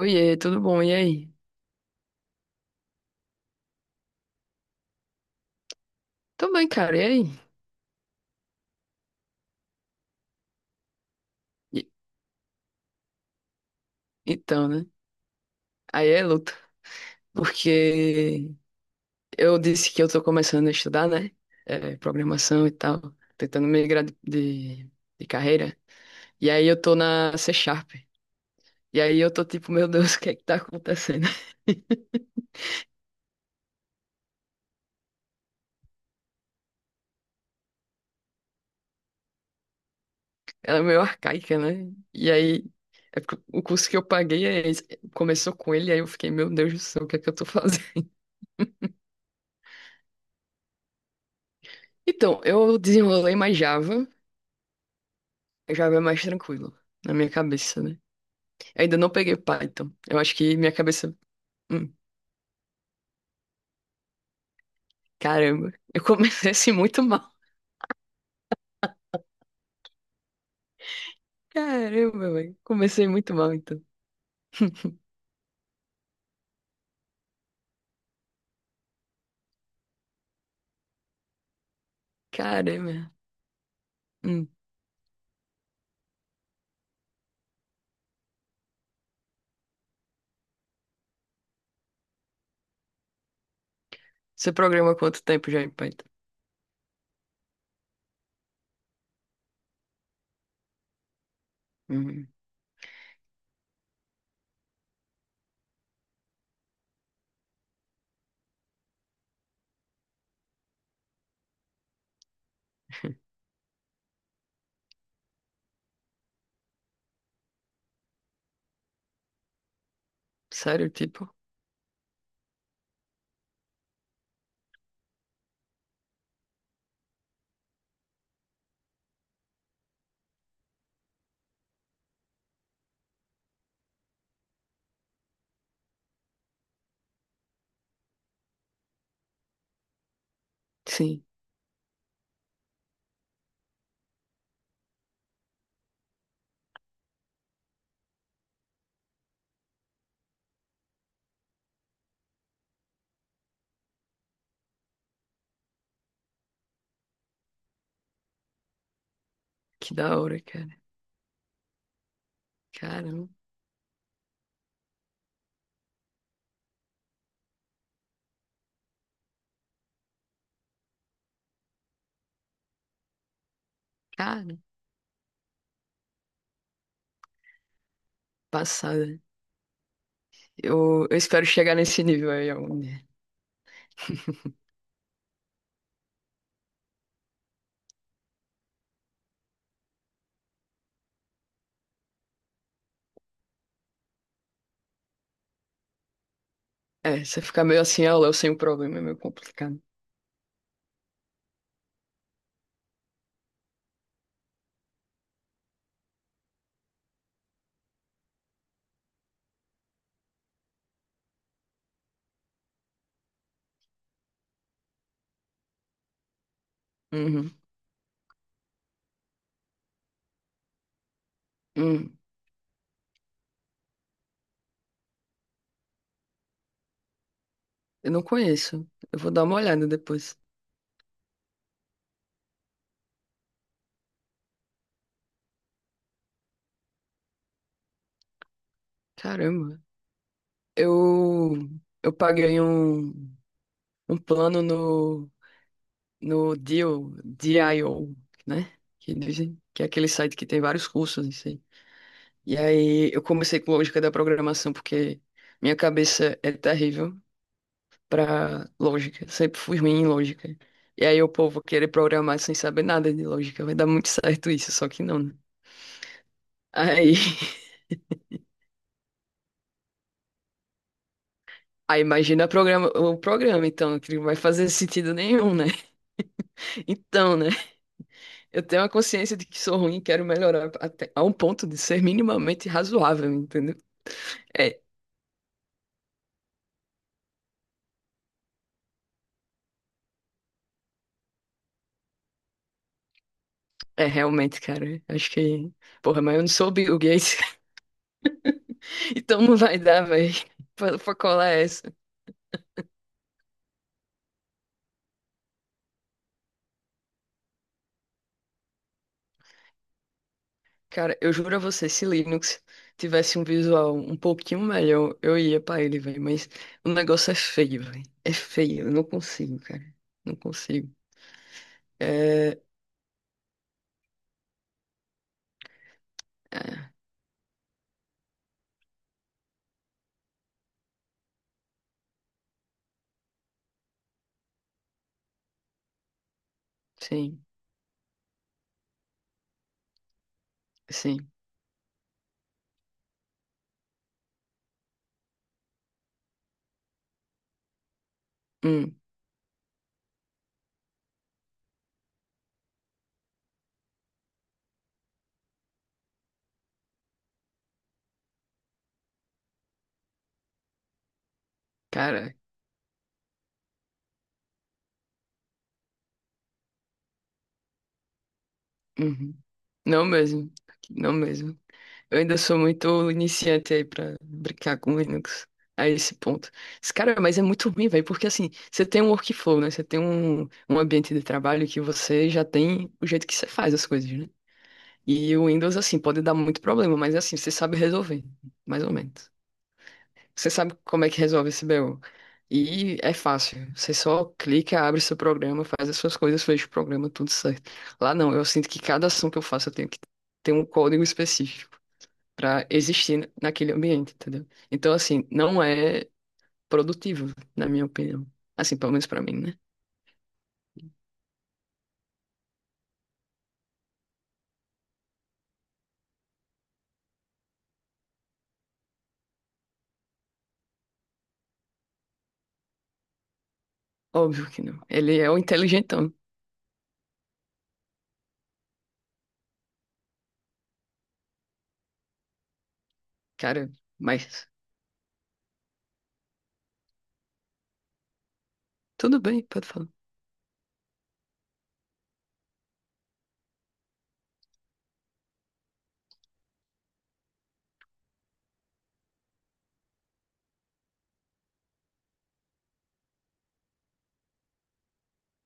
Oiê, tudo bom? E aí? Tô bem, cara. E aí? E- então, né? Aí é luta. Porque eu disse que eu tô começando a estudar, né? Programação e tal. Tentando migrar de carreira. E aí eu tô na C Sharp. E aí eu tô tipo, meu Deus, o que é que tá acontecendo? Ela é meio arcaica, né? E aí, é porque o curso que eu paguei é esse. Começou com ele, aí eu fiquei, meu Deus do céu, o que é que eu tô fazendo? Então, eu desenrolei mais Java. Já é mais tranquilo, na minha cabeça, né? Eu ainda não peguei Python. Eu acho que minha cabeça. Hum, caramba, eu comecei assim muito mal. Caramba, velho. Comecei muito mal, então. Caramba. Hum, você programa quanto tempo já em Python? Hum, sério, tipo? Sim, que da hora, cara. Caramba, cara. Passada. Eu espero chegar nesse nível aí algum dia. É, você ficar meio assim, ah, Léo, sem o problema, é meio complicado. Uhum. Hum, eu não conheço. Eu vou dar uma olhada depois. Caramba. Eu, eu paguei um plano no Deal, Dio, né? Que dizem que é aquele site que tem vários cursos, não sei. E aí eu comecei com lógica da programação, porque minha cabeça é terrível pra lógica. Sempre fui ruim em lógica. E aí o povo querer programar sem saber nada de lógica. Vai dar muito certo isso, só que não, né? Aí, aí imagina programa, o programa, então, que não vai fazer sentido nenhum, né? Então, né? Eu tenho a consciência de que sou ruim e quero melhorar até a um ponto de ser minimamente razoável, entendeu? É, é realmente, cara. Acho que. Porra, mas eu não sou o Bill Gates, então não vai dar, velho. Pra colar essa. Cara, eu juro a você, se Linux tivesse um visual um pouquinho melhor, eu ia pra ele, velho. Mas o negócio é feio, velho. É feio. Eu não consigo, cara. Não consigo. É. É, sim, sim. Hum, cara. Uhum. Não mesmo. Não mesmo. Eu ainda sou muito iniciante aí pra brincar com Linux a esse ponto. Mas, cara, mas é muito ruim, velho, porque assim, você tem um workflow, né? Você tem um ambiente de trabalho que você já tem o jeito que você faz as coisas, né? E o Windows, assim, pode dar muito problema, mas assim, você sabe resolver, mais ou menos. Você sabe como é que resolve esse BO. E é fácil. Você só clica, abre seu programa, faz as suas coisas, fecha o programa, tudo certo. Lá não, eu sinto que cada ação que eu faço eu tenho que ter um código específico para existir naquele ambiente, entendeu? Então, assim, não é produtivo, na minha opinião. Assim, pelo menos para mim, né? Óbvio que não. Ele é o inteligentão, cara, mas tudo bem, pode falar.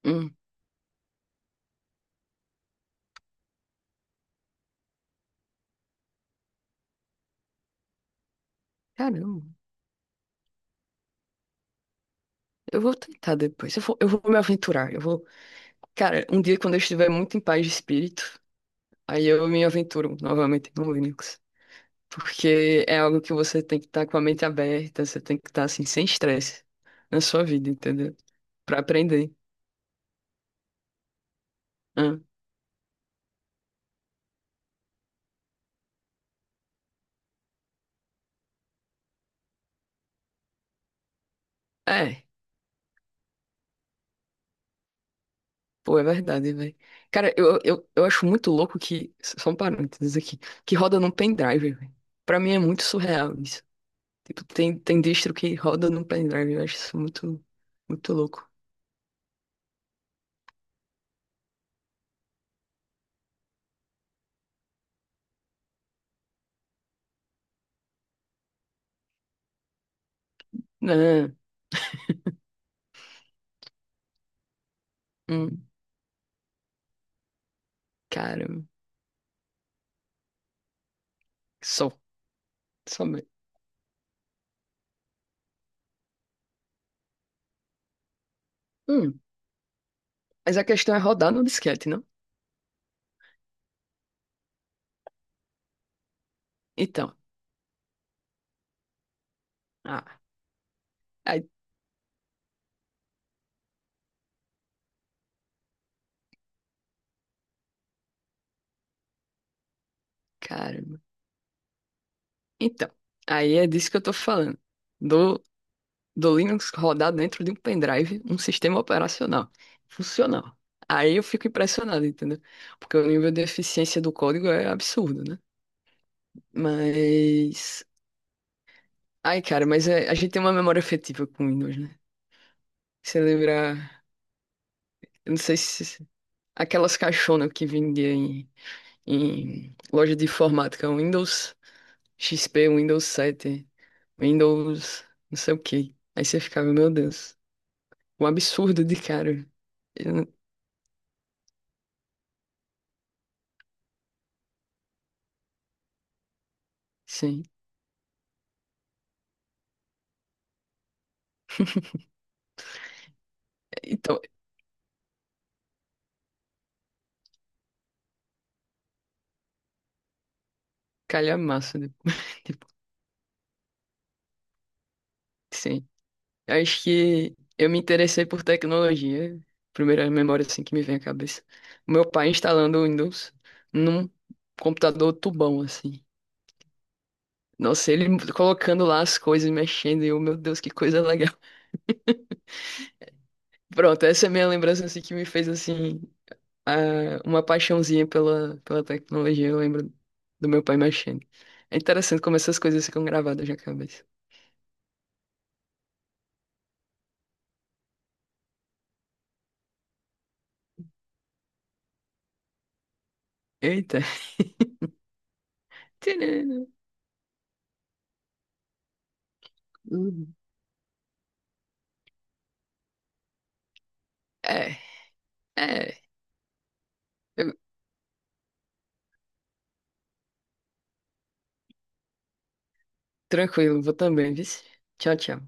Hum, caramba, eu vou tentar depois. Eu vou me aventurar. Cara, um dia quando eu estiver muito em paz de espírito, aí eu me aventuro novamente no Linux. Porque é algo que você tem que estar com a mente aberta, você tem que estar assim, sem estresse na sua vida, entendeu? Pra aprender. Hã? É. Pô, é verdade, velho. Cara, eu acho muito louco que. Só um parênteses aqui. Que roda num pendrive, velho. Pra mim é muito surreal isso. Tipo, tem distro que roda num pendrive. Eu acho isso muito, muito louco. Não. Hum, cara. Só. Só mesmo. Hum. Mas a questão é rodar no disquete, não? Então. Ah. Ai, caramba. Então. Aí é disso que eu tô falando. Do do Linux rodar dentro de um pendrive, um sistema operacional funcional. Aí eu fico impressionado, entendeu? Porque o nível de eficiência do código é absurdo, né? Mas. Ai, cara, mas é- a gente tem uma memória afetiva com Windows, né? Você lembra. Eu não sei se. Aquelas caixonas que vendia em loja de informática, Windows XP, Windows 7, Windows não sei o quê. Aí você ficava, meu Deus, um absurdo de cara. Eu não- Sim. Então, calhamaço. De- Tipo, sim. Acho que eu me interessei por tecnologia. Primeira memória assim que me vem à cabeça. Meu pai instalando o Windows num computador tubão, assim. Nossa, ele colocando lá as coisas, mexendo, e eu, meu Deus, que coisa legal. Pronto, essa é a minha lembrança assim, que me fez assim a- uma paixãozinha pela tecnologia. Eu lembro do meu pai mexendo. É interessante como essas coisas ficam gravadas na cabeça. Eita. Tcharam. Uhum. É, é. Eu- tranquilo, vou também, viu? Tchau, tchau.